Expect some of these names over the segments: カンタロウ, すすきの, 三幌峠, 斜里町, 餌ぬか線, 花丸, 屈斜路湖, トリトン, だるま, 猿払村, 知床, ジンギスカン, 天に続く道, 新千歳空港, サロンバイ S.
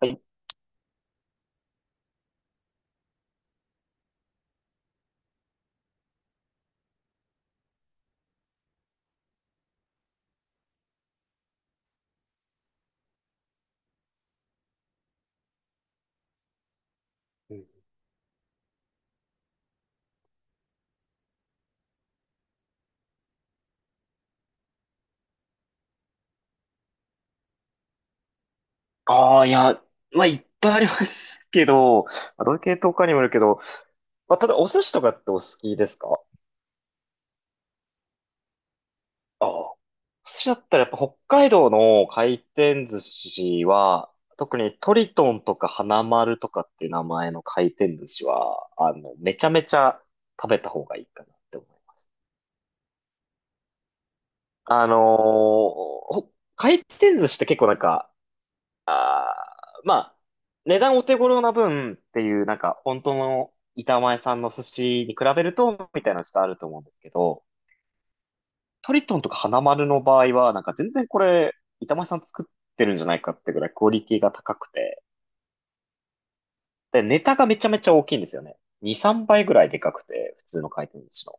はい。ああ、いや、まあ、いっぱいありますけど、まあどういう系統かにもよるけど、まあ、ただお寿司とかってお好きですか？ああ。お寿司だったらやっぱ北海道の回転寿司は、特にトリトンとか花丸とかっていう名前の回転寿司は、めちゃめちゃ食べた方がいいかなって思う。あのーほ回転寿司って結構なんか、まあ、値段お手頃な分っていう、なんか、本当の板前さんの寿司に比べると、みたいなのちょっとあると思うんですけど、トリトンとか花丸の場合は、なんか全然これ、板前さん作ってるんじゃないかってぐらいクオリティが高くて、で、ネタがめちゃめちゃ大きいんですよね。2、3倍ぐらいでかくて、普通の回転寿司の。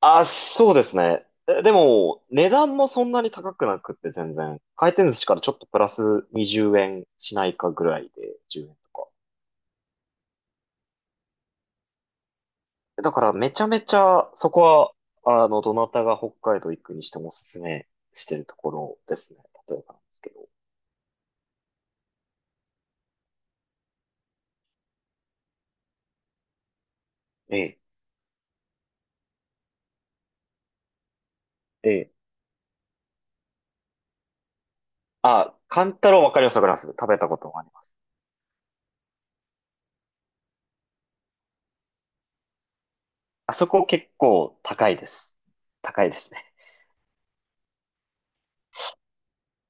あ、そうですね。でも、値段もそんなに高くなくって全然、回転寿司からちょっとプラス20円しないかぐらいで、10円とか。だからめちゃめちゃそこは、どなたが北海道行くにしてもおすすめしてるところですね。例えばなんですけど。ええ、ええ。あ、カンタロウわかります、わかります。食べたこともあります。あそこ結構高いです。高いですね。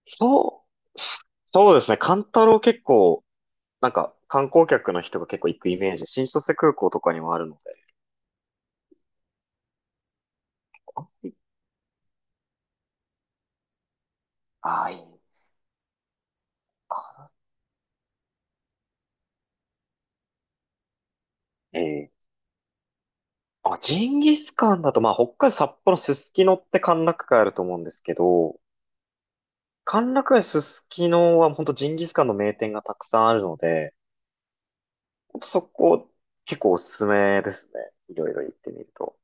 そそうですね。カンタロウ結構、なんか観光客の人が結構行くイメージ。新千歳空港とかにもあるので。ああ、いいのかな。ええ。あ、ジンギスカンだと、まあ、北海道札幌すすきのって歓楽街あると思うんですけど、歓楽街すすきのは本当ジンギスカンの名店がたくさんあるので、本当そこ結構おすすめですね。いろいろ行ってみると。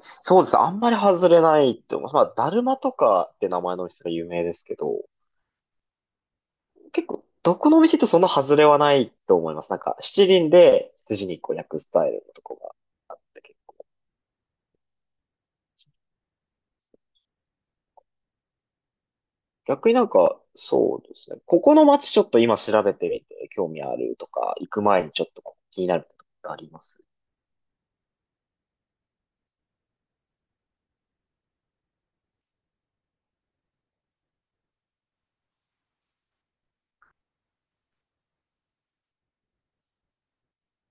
そうです。あんまり外れないと思います。まあ、だるまとかって名前のお店が有名ですけど、結構どこのお店とそんな外れはないと思います。なんか七輪で羊肉を焼くスタイルのとこがあったけど。逆になんか、そうですね。ここの街ちょっと今調べてみて興味あるとか、行く前にちょっとここ気になるとかってあります？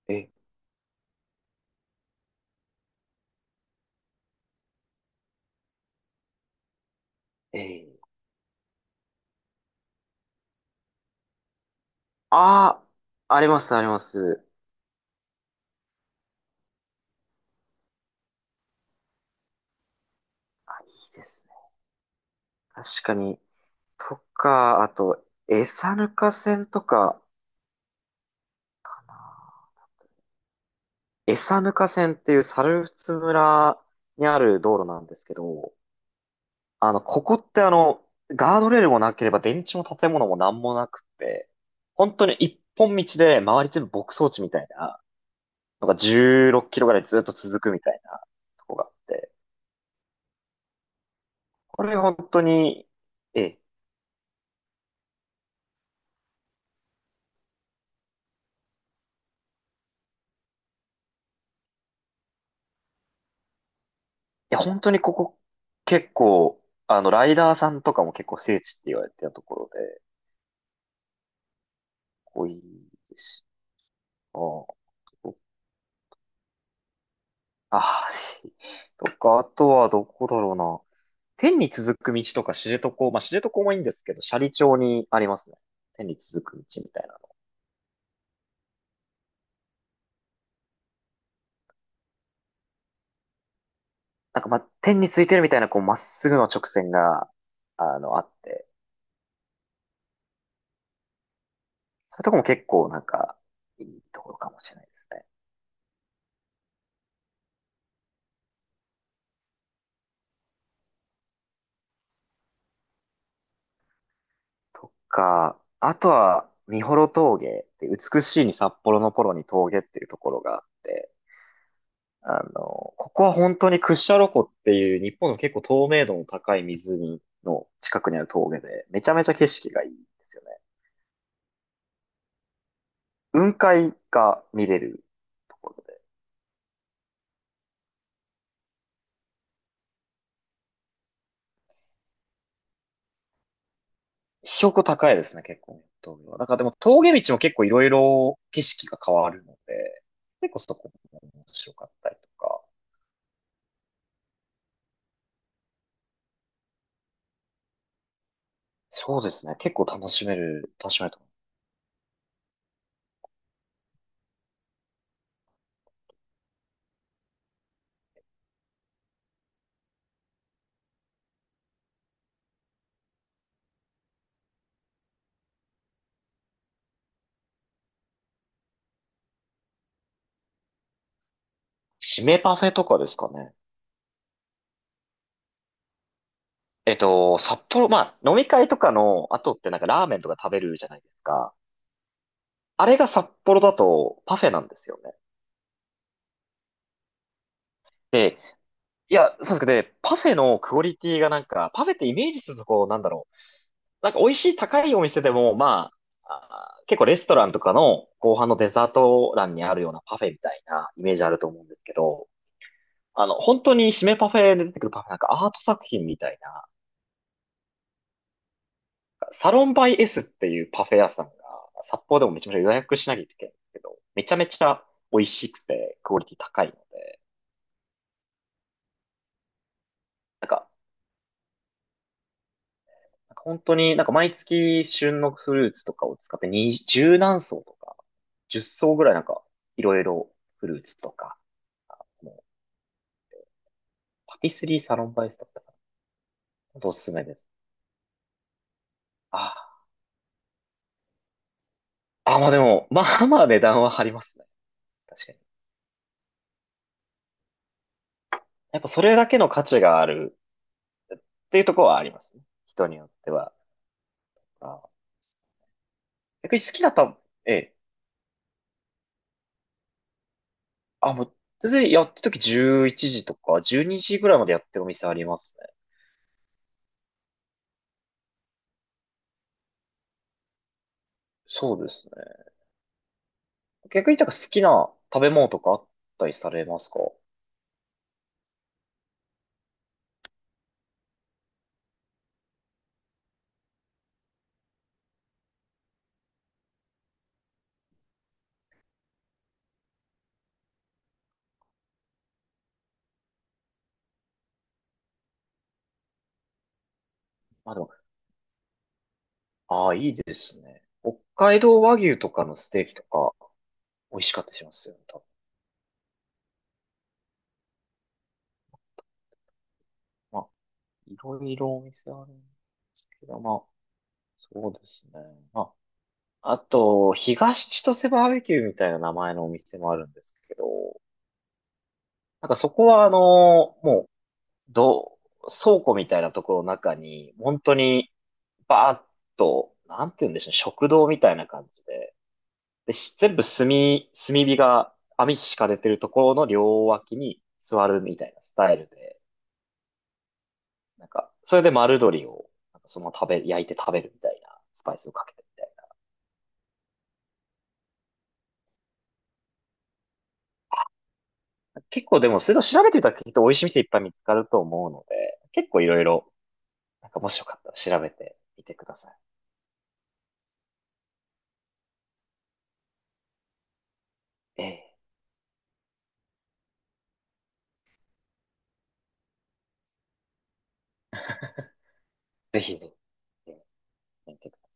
え、ええ。ああ、あります、あります。あ、いいですね。確かに。とか、あと、餌ぬか線とか、かな。餌ぬか線っていう猿払村にある道路なんですけど、ここってガードレールもなければ電柱も建物もなんもなくて、本当に一本道で周り全部牧草地みたいな、のが16キロぐらいずっと続くみたいなとこがあって、これ本当に、ええ。本当にここ結構、ライダーさんとかも結構聖地って言われてるところで、多いですし。あー、あー、ああ、とか、あとはどこだろうな。天に続く道とか知床、まあ、知床もいいんですけど、斜里町にありますね。天に続く道みたいなの。なんか、まあ、天についてるみたいな、こう、まっすぐの直線が、あって、そういうとこも結構なんか、いいところかもしれないですね。とか、あとは、三幌峠って、美しいに札幌のポロに峠っていうところがあって、ここは本当に屈斜路湖っていう日本の結構透明度の高い湖の近くにある峠で、めちゃめちゃ景色がいいんですよね。雲海が見れるところで。標高高いですね、結構ね、峠は。なんかでも峠道も結構いろいろ景色が変わるので、結構そこも面白かったりとか。そうですね、結構楽しめると思います。締めパフェとかですかね。えっと、札幌、まあ、飲み会とかの後ってなんかラーメンとか食べるじゃないですか。あれが札幌だとパフェなんですよね。で、いや、そうですけど、でパフェのクオリティがなんか、パフェってイメージするとこう、なんだろう。なんか美味しい高いお店でも、まあ、あー結構レストランとかの後半のデザート欄にあるようなパフェみたいなイメージあると思うんですけど、本当に締めパフェで出てくるパフェなんかアート作品みたいな、サロンバイ S っていうパフェ屋さんが、札幌でもめちゃめちゃ予約しなきゃいけないんですけど、めちゃめちゃ美味しくて、クオリティ高いので。なんか、なんか本当になんか毎月旬のフルーツとかを使って二十何層とか、10層ぐらいなんか、いろいろフルーツとか、もうパティスリーサロンバイスだったか、ほんとおすすめです。ああ、あ、まあでも、まあまあ値段は張りますね。確かに。やっぱそれだけの価値があるっていうところはありますね。人によっては。あー、逆に好きだった、ええ。あ、もう、全然やってる時11時とか、12時ぐらいまでやってるお店ありますね。そうですね。逆に、なんか好きな食べ物とかあったりされますか？まあでも、ああ、いいですね。北海道和牛とかのステーキとか、美味しかったりしますよね、多分。まあ、いろいろお店あるんですけど、まあ、そうですね。まあ、あと、東千歳バーベキューみたいな名前のお店もあるんですけど、なんかそこはあの、もどう、倉庫みたいなところの中に、本当に、バーッと、なんて言うんでしょうね、食堂みたいな感じで、で、全部炭、炭火が網敷かれてるところの両脇に座るみたいなスタイルで、なんか、それで丸鶏を、なんかそのまま食べ、焼いて食べるみたいな、スパイスをかけてみたいな。結構でも、それと調べてみたらきっと美味しい店いっぱい見つかると思うので、結構いろいろ、なんかもしよかったら調べてみてください。ええ、ぜひぜひ、ええ、見てください。